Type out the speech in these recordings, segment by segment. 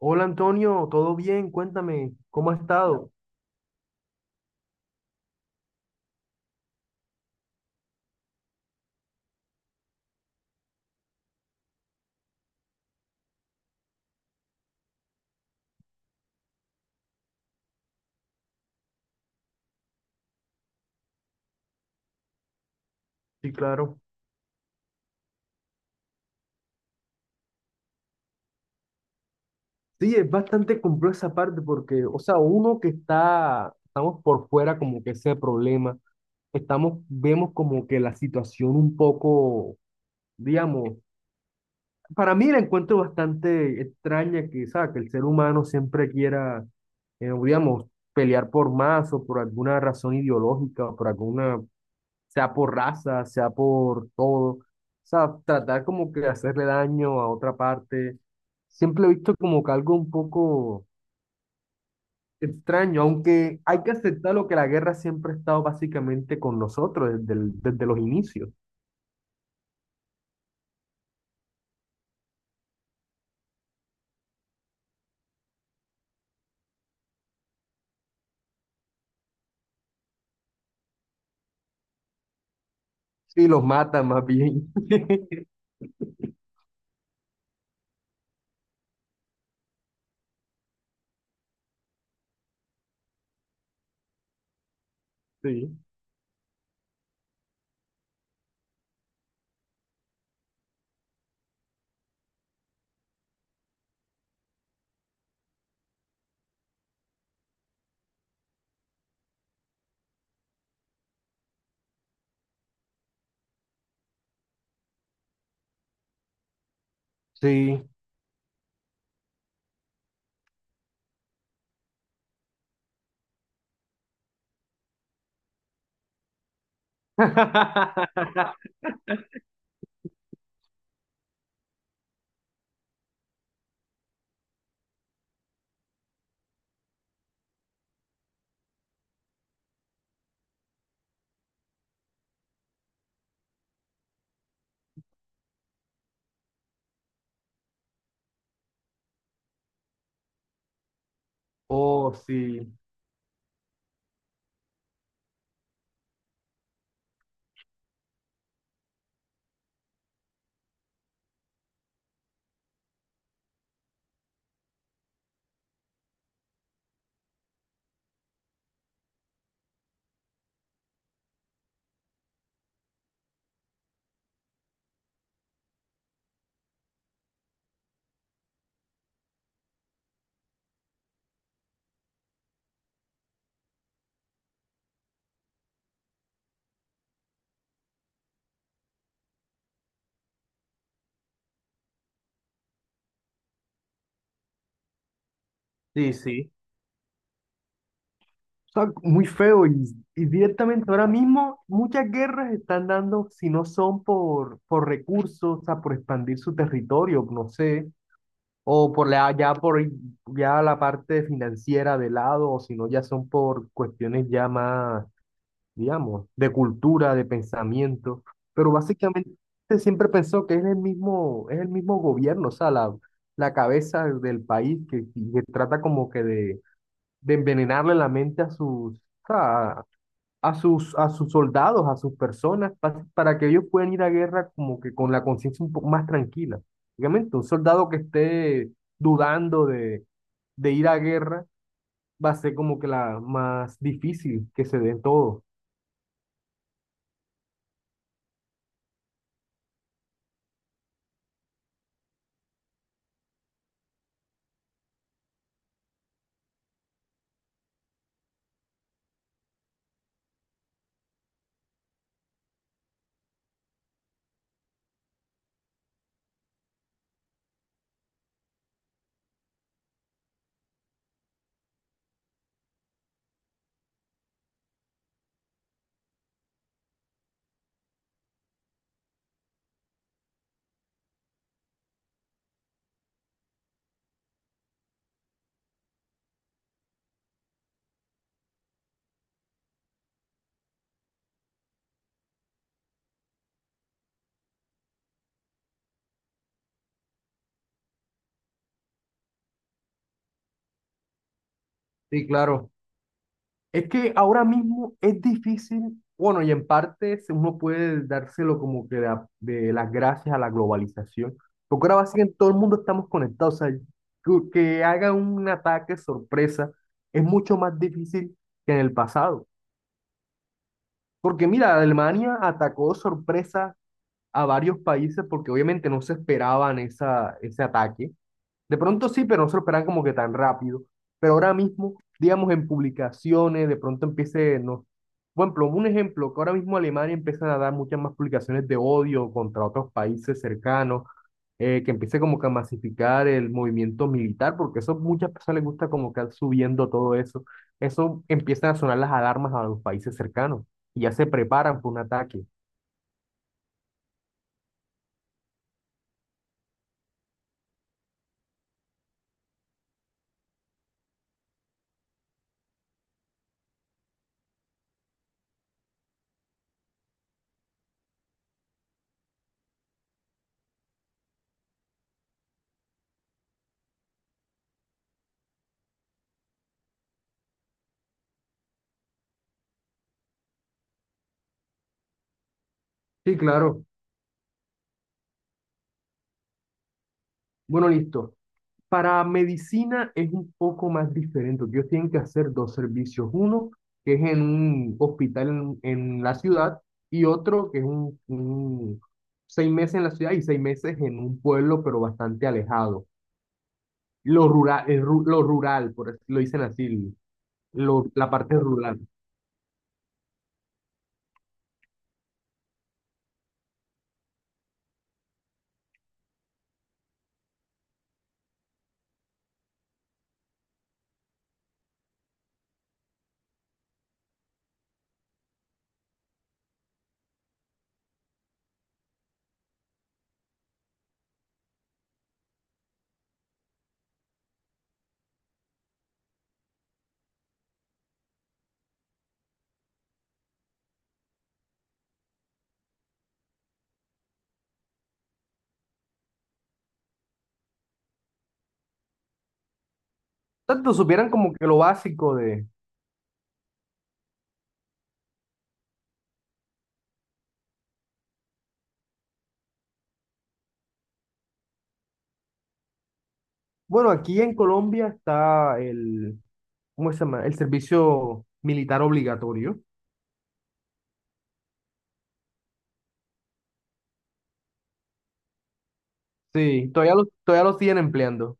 Hola Antonio, ¿todo bien? Cuéntame, ¿cómo ha estado? Sí, claro. Sí, es bastante complejo esa parte porque, o sea, uno que estamos por fuera como que ese problema, vemos como que la situación un poco, digamos, para mí la encuentro bastante extraña que, o sea, que el ser humano siempre quiera, digamos, pelear por más o por alguna razón ideológica o por alguna sea por raza, sea por todo, o sea, tratar como que de hacerle daño a otra parte, siempre lo he visto como que algo un poco extraño, aunque hay que aceptar lo que la guerra siempre ha estado básicamente con nosotros desde, desde los inicios. Sí, los matan más bien. Sí, sí. Oh, sí, sí, sí. Sea, muy feo y directamente ahora mismo muchas guerras están dando, si no son por recursos, o sea, por expandir su territorio, no sé, o por la, ya por ya la parte financiera de lado, o si no ya son por cuestiones ya más, digamos, de cultura, de pensamiento, pero básicamente siempre pensó que es el mismo gobierno, o sea, la cabeza del país que trata como que de envenenarle la mente a sus sea, a, a sus soldados, a sus personas, para que ellos puedan ir a guerra como que con la conciencia un poco más tranquila. Obviamente, un soldado que esté dudando de ir a guerra va a ser como que la más difícil que se dé todo. Sí, claro. Es que ahora mismo es difícil, bueno, y en parte uno puede dárselo como que de las gracias a la globalización, porque ahora básicamente todo el mundo estamos conectados, o sea, que haga un ataque sorpresa es mucho más difícil que en el pasado, porque mira, Alemania atacó sorpresa a varios países porque obviamente no se esperaban esa, ese ataque. De pronto sí, pero no se lo esperaban como que tan rápido. Pero ahora mismo, digamos, en publicaciones, de pronto empiece, no, por ejemplo, un ejemplo, que ahora mismo Alemania empieza a dar muchas más publicaciones de odio contra otros países cercanos, que empiece como que a masificar el movimiento militar, porque eso muchas personas les gusta como que estar subiendo todo eso. Eso empiezan a sonar las alarmas a los países cercanos y ya se preparan para un ataque. Sí, claro. Bueno, listo. Para medicina es un poco más diferente. Ellos tienen que hacer dos servicios. Uno, que es en un hospital en la ciudad, y otro, que es seis meses en la ciudad y 6 meses en un pueblo, pero bastante alejado. Lo rural, lo rural, lo dicen así, la parte rural. Tanto supieran como que lo básico de, bueno, aquí en Colombia está el, ¿cómo se llama? El servicio militar obligatorio. Sí, todavía lo siguen empleando.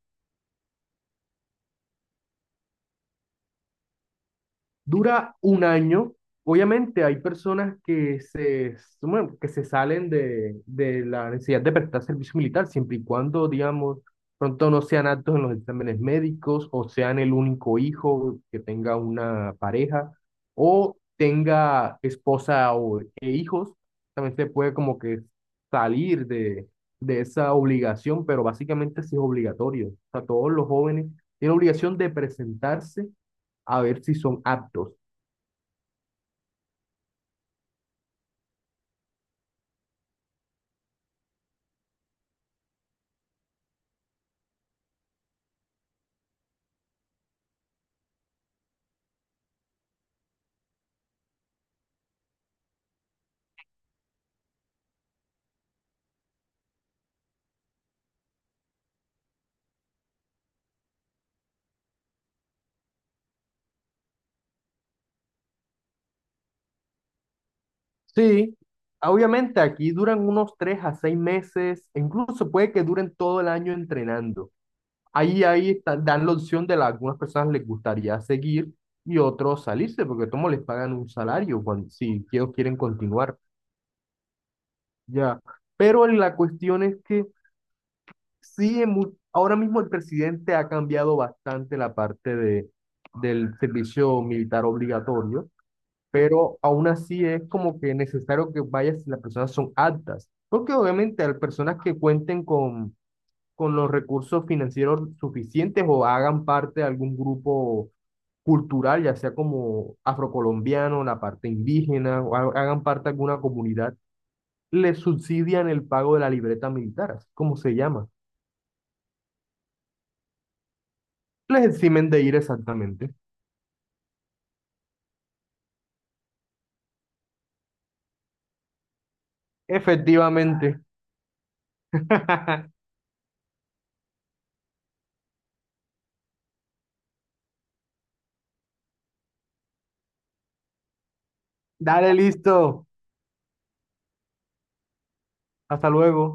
Dura un año. Obviamente hay personas que se, bueno, que se salen de la necesidad de prestar servicio militar, siempre y cuando, digamos, pronto no sean aptos en los exámenes médicos o sean el único hijo que tenga una pareja o tenga esposa o, e hijos. También se puede como que salir de esa obligación, pero básicamente sí es obligatorio. O sea, todos los jóvenes tienen obligación de presentarse a ver si son aptos. Sí, ah, obviamente aquí duran unos 3 a 6 meses, e incluso puede que duren todo el año entrenando. Ahí, ahí está- dan la opción de la, algunas personas les gustaría seguir y otros salirse, porque como les pagan un salario cuando, si ellos quieren continuar. Ya. Pero la cuestión es que sí, ahora mismo el presidente ha cambiado bastante la parte de, del servicio militar obligatorio pero aún así es como que necesario que vayas si las personas son aptas, porque obviamente hay personas que cuenten con los recursos financieros suficientes o hagan parte de algún grupo cultural, ya sea como afrocolombiano, la parte indígena, o hagan parte de alguna comunidad, les subsidian el pago de la libreta militar, así como se llama. Les eximen de ir exactamente. Efectivamente. Dale, listo. Hasta luego.